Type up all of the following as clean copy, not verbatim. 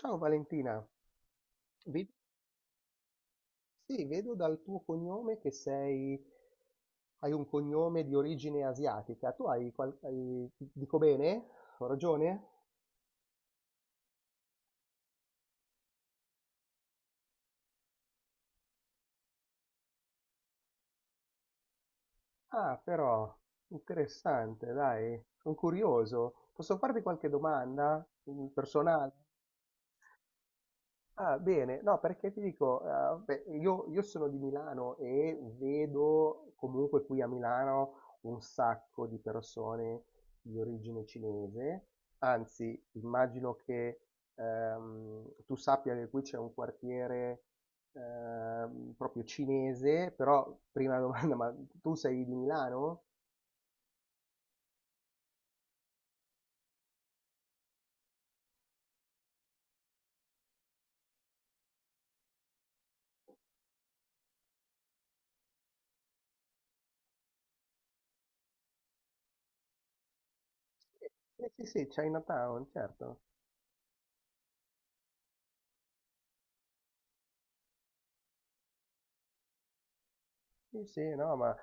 Ciao Valentina, Ved- sì, vedo dal tuo cognome che sei, hai un cognome di origine asiatica. Tu hai, dico bene? Ho ragione? Ah, però, interessante, dai, sono curioso. Posso farti qualche domanda personale? Ah, bene, no, perché ti dico, beh, io sono di Milano e vedo comunque qui a Milano un sacco di persone di origine cinese, anzi, immagino che tu sappia che qui c'è un quartiere proprio cinese, però prima domanda, ma tu sei di Milano? Eh, sì, sì, sì, Chinatown, certo. Sì, sì, no, ma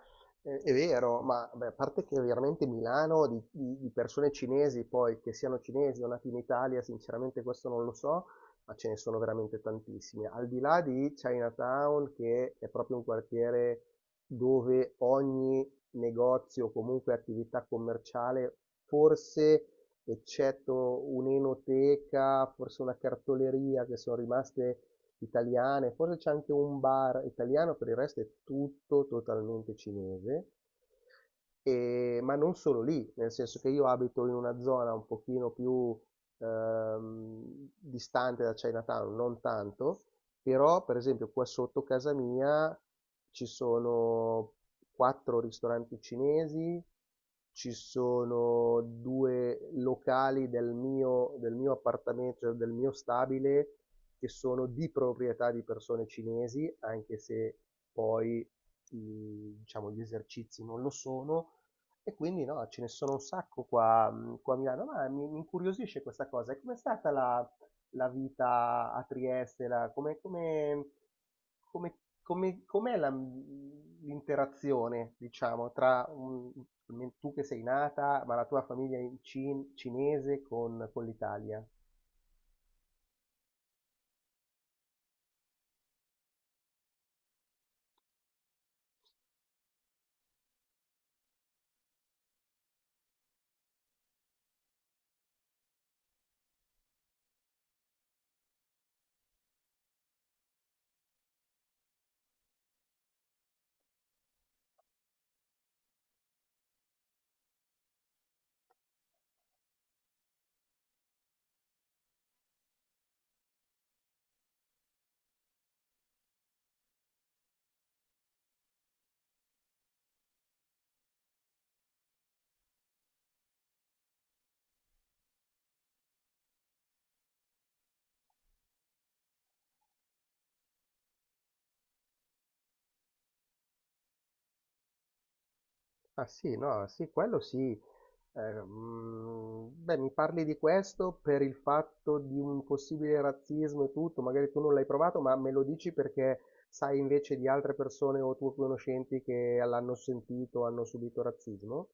è vero, ma beh, a parte che veramente Milano di persone cinesi, poi che siano cinesi o nati in Italia, sinceramente questo non lo so, ma ce ne sono veramente tantissime. Al di là di Chinatown, che è proprio un quartiere dove ogni negozio o comunque attività commerciale forse eccetto un'enoteca, forse una cartoleria che sono rimaste italiane, forse c'è anche un bar italiano, per il resto è tutto totalmente cinese. Ma non solo lì, nel senso che io abito in una zona un pochino più distante da Chinatown, non tanto, però per esempio qua sotto casa mia ci sono quattro ristoranti cinesi, ci sono due locali del mio appartamento, cioè del mio stabile, che sono di proprietà di persone cinesi, anche se poi diciamo, gli esercizi non lo sono, e quindi no, ce ne sono un sacco qua, qua a Milano, ma mi incuriosisce questa cosa. E com'è stata la vita a Trieste? La come come come come com'è la l'interazione, diciamo, tra un tu che sei nata, ma la tua famiglia in cinese con l'Italia? Ah sì, no, sì, quello sì. Beh, mi parli di questo per il fatto di un possibile razzismo e tutto, magari tu non l'hai provato, ma me lo dici perché sai invece di altre persone o tue conoscenti che l'hanno sentito, hanno subito razzismo?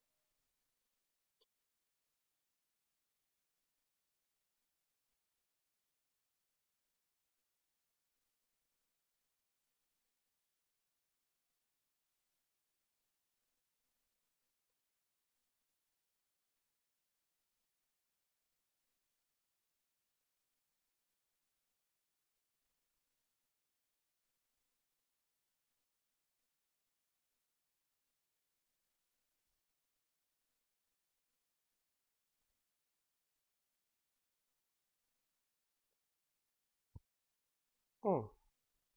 Mh,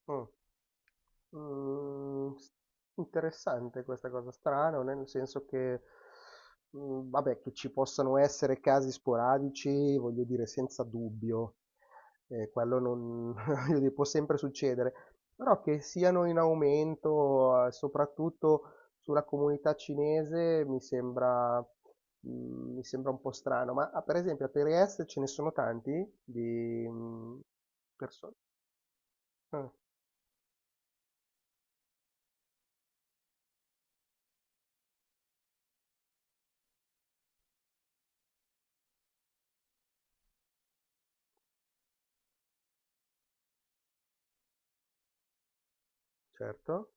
mh. Mhmm, s Interessante questa cosa, strano nel senso che, vabbè che ci possano essere casi sporadici, voglio dire senza dubbio, quello non voglio dire può sempre succedere, però che siano in aumento, soprattutto sulla comunità cinese mi sembra un po' strano. Ma, ah, per esempio a Trieste ce ne sono tanti di, mhmm, perso ah. Certo,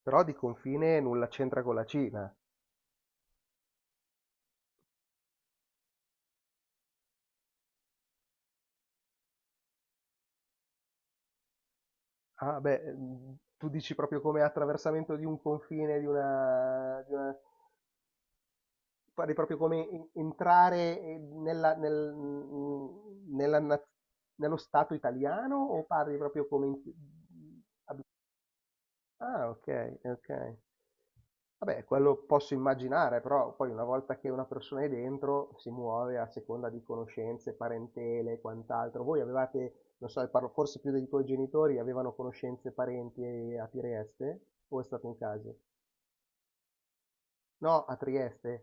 però di confine nulla c'entra con la Cina. Ah beh, tu dici proprio come attraversamento di un confine, di una pare proprio come en entrare, nella naz nello Stato italiano o parli proprio come in mhmm Ah, okay, okay. Vabbè, quello posso immaginare, però poi una volta che una persona è dentro si muove a seconda di conoscenze, parentele e quant'altro. Voi avevate, non so, parlo forse più dei tuoi genitori, avevano conoscenze, parenti a Trieste? O è stato un caso? No, a Trieste?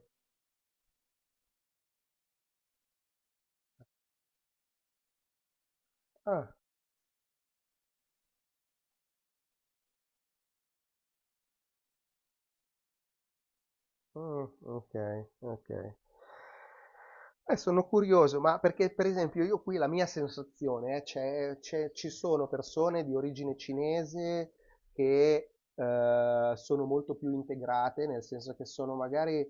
Ah. Mm, ok, ok. Sono curioso, ma perché per esempio io qui la mia sensazione è ci sono persone di origine cinese che sono molto più integrate, nel senso che sono magari,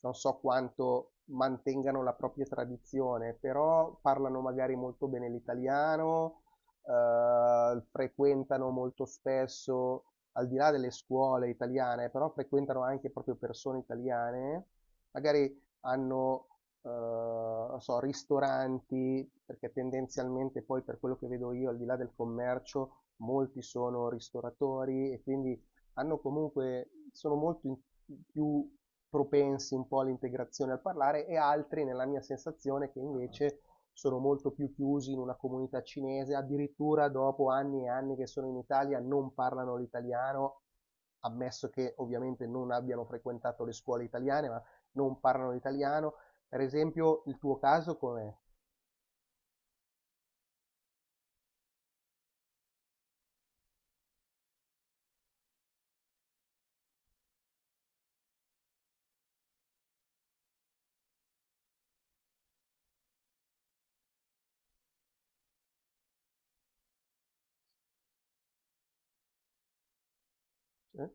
non so quanto mantengano la propria tradizione, però parlano magari molto bene l'italiano, frequentano molto spesso, al di là delle scuole italiane, però frequentano anche proprio persone italiane, magari hanno, non so, ristoranti, perché tendenzialmente poi per quello che vedo io, al di là del commercio, molti sono ristoratori e quindi hanno comunque, sono più propensi un po' all'integrazione al parlare e altri, nella mia sensazione, che invece sono molto più chiusi in una comunità cinese, addirittura dopo anni e anni che sono in Italia non parlano l'italiano, ammesso che ovviamente non abbiano frequentato le scuole italiane, ma non parlano l'italiano. Per esempio, il tuo caso com'è? Eh?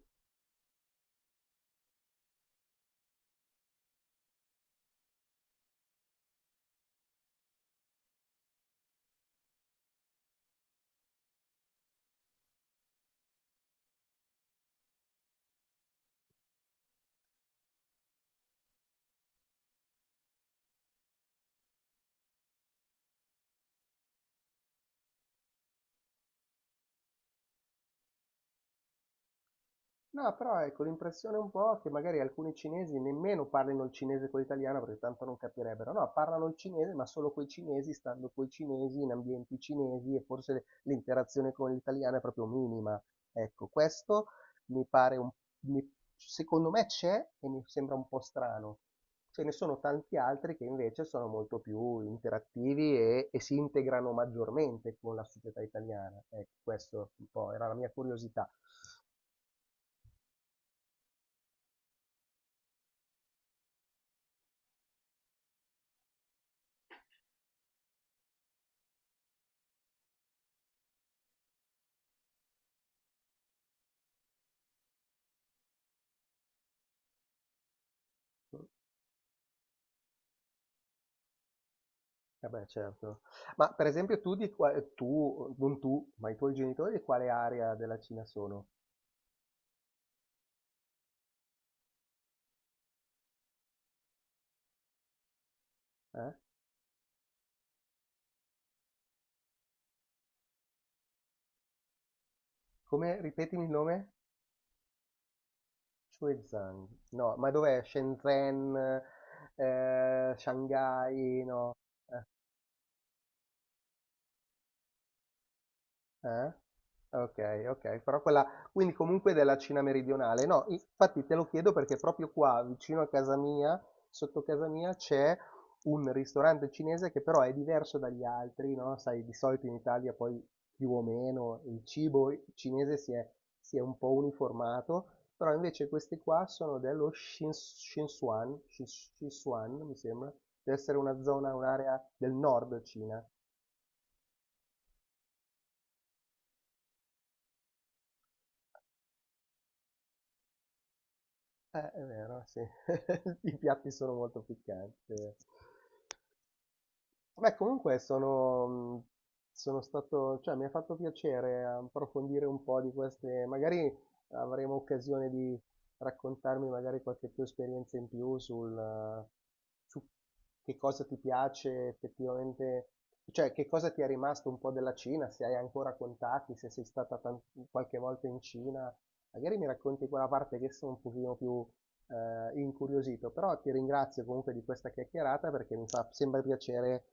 No, però ecco, l'impressione un po' che magari alcuni cinesi nemmeno parlino il cinese con l'italiano perché tanto non capirebbero, no, parlano il cinese ma solo coi cinesi, stando coi cinesi, in ambienti cinesi e forse l'interazione con l'italiano è proprio minima. Ecco, questo mi pare un, mi- secondo me c'è e mi sembra un po' strano. Ce ne sono tanti altri che invece sono molto più interattivi e si integrano maggiormente con la società italiana. Ecco, questo un po' era la mia curiosità. Eh beh, certo. Ma per esempio tu di qua tu, non tu, ma i tuoi genitori di quale area della Cina sono? Eh? Come, ripetimi il nome? Xuezhang. No, ma dov'è? Shenzhen, Shanghai, no? Eh? Okay, okay, però quella quindi comunque della Cina meridionale. No, infatti te lo chiedo perché proprio qua vicino a casa mia, sotto casa mia, c'è un ristorante cinese che però è diverso dagli altri, no, sai, di solito in Italia poi più o meno il cibo cinese si è un po' uniformato, però invece questi qua sono dello Sichuan, Sichuan, mi sembra, deve essere una zona, un'area del nord Cina. È vero, sì. I piatti sono molto piccanti. Beh, comunque sono stato, cioè mi ha fatto piacere approfondire un po' di queste, magari avremo occasione di raccontarmi magari qualche più esperienza in più sul, su che cosa ti piace effettivamente, cioè che cosa ti è rimasto un po' della Cina, se hai ancora contatti, se sei stata qualche volta in Cina, magari mi racconti quella parte che sono un pochino più incuriosito, però ti ringrazio comunque di questa chiacchierata perché mi fa sempre piacere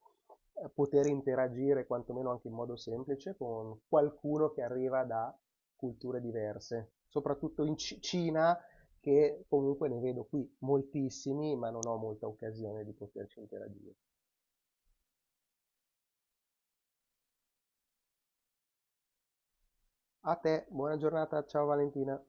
poter interagire, quantomeno anche in modo semplice, con qualcuno che arriva da culture diverse, soprattutto in Cina, che comunque ne vedo qui moltissimi, ma non ho molta occasione di poterci interagire. A te, buona giornata, ciao Valentina.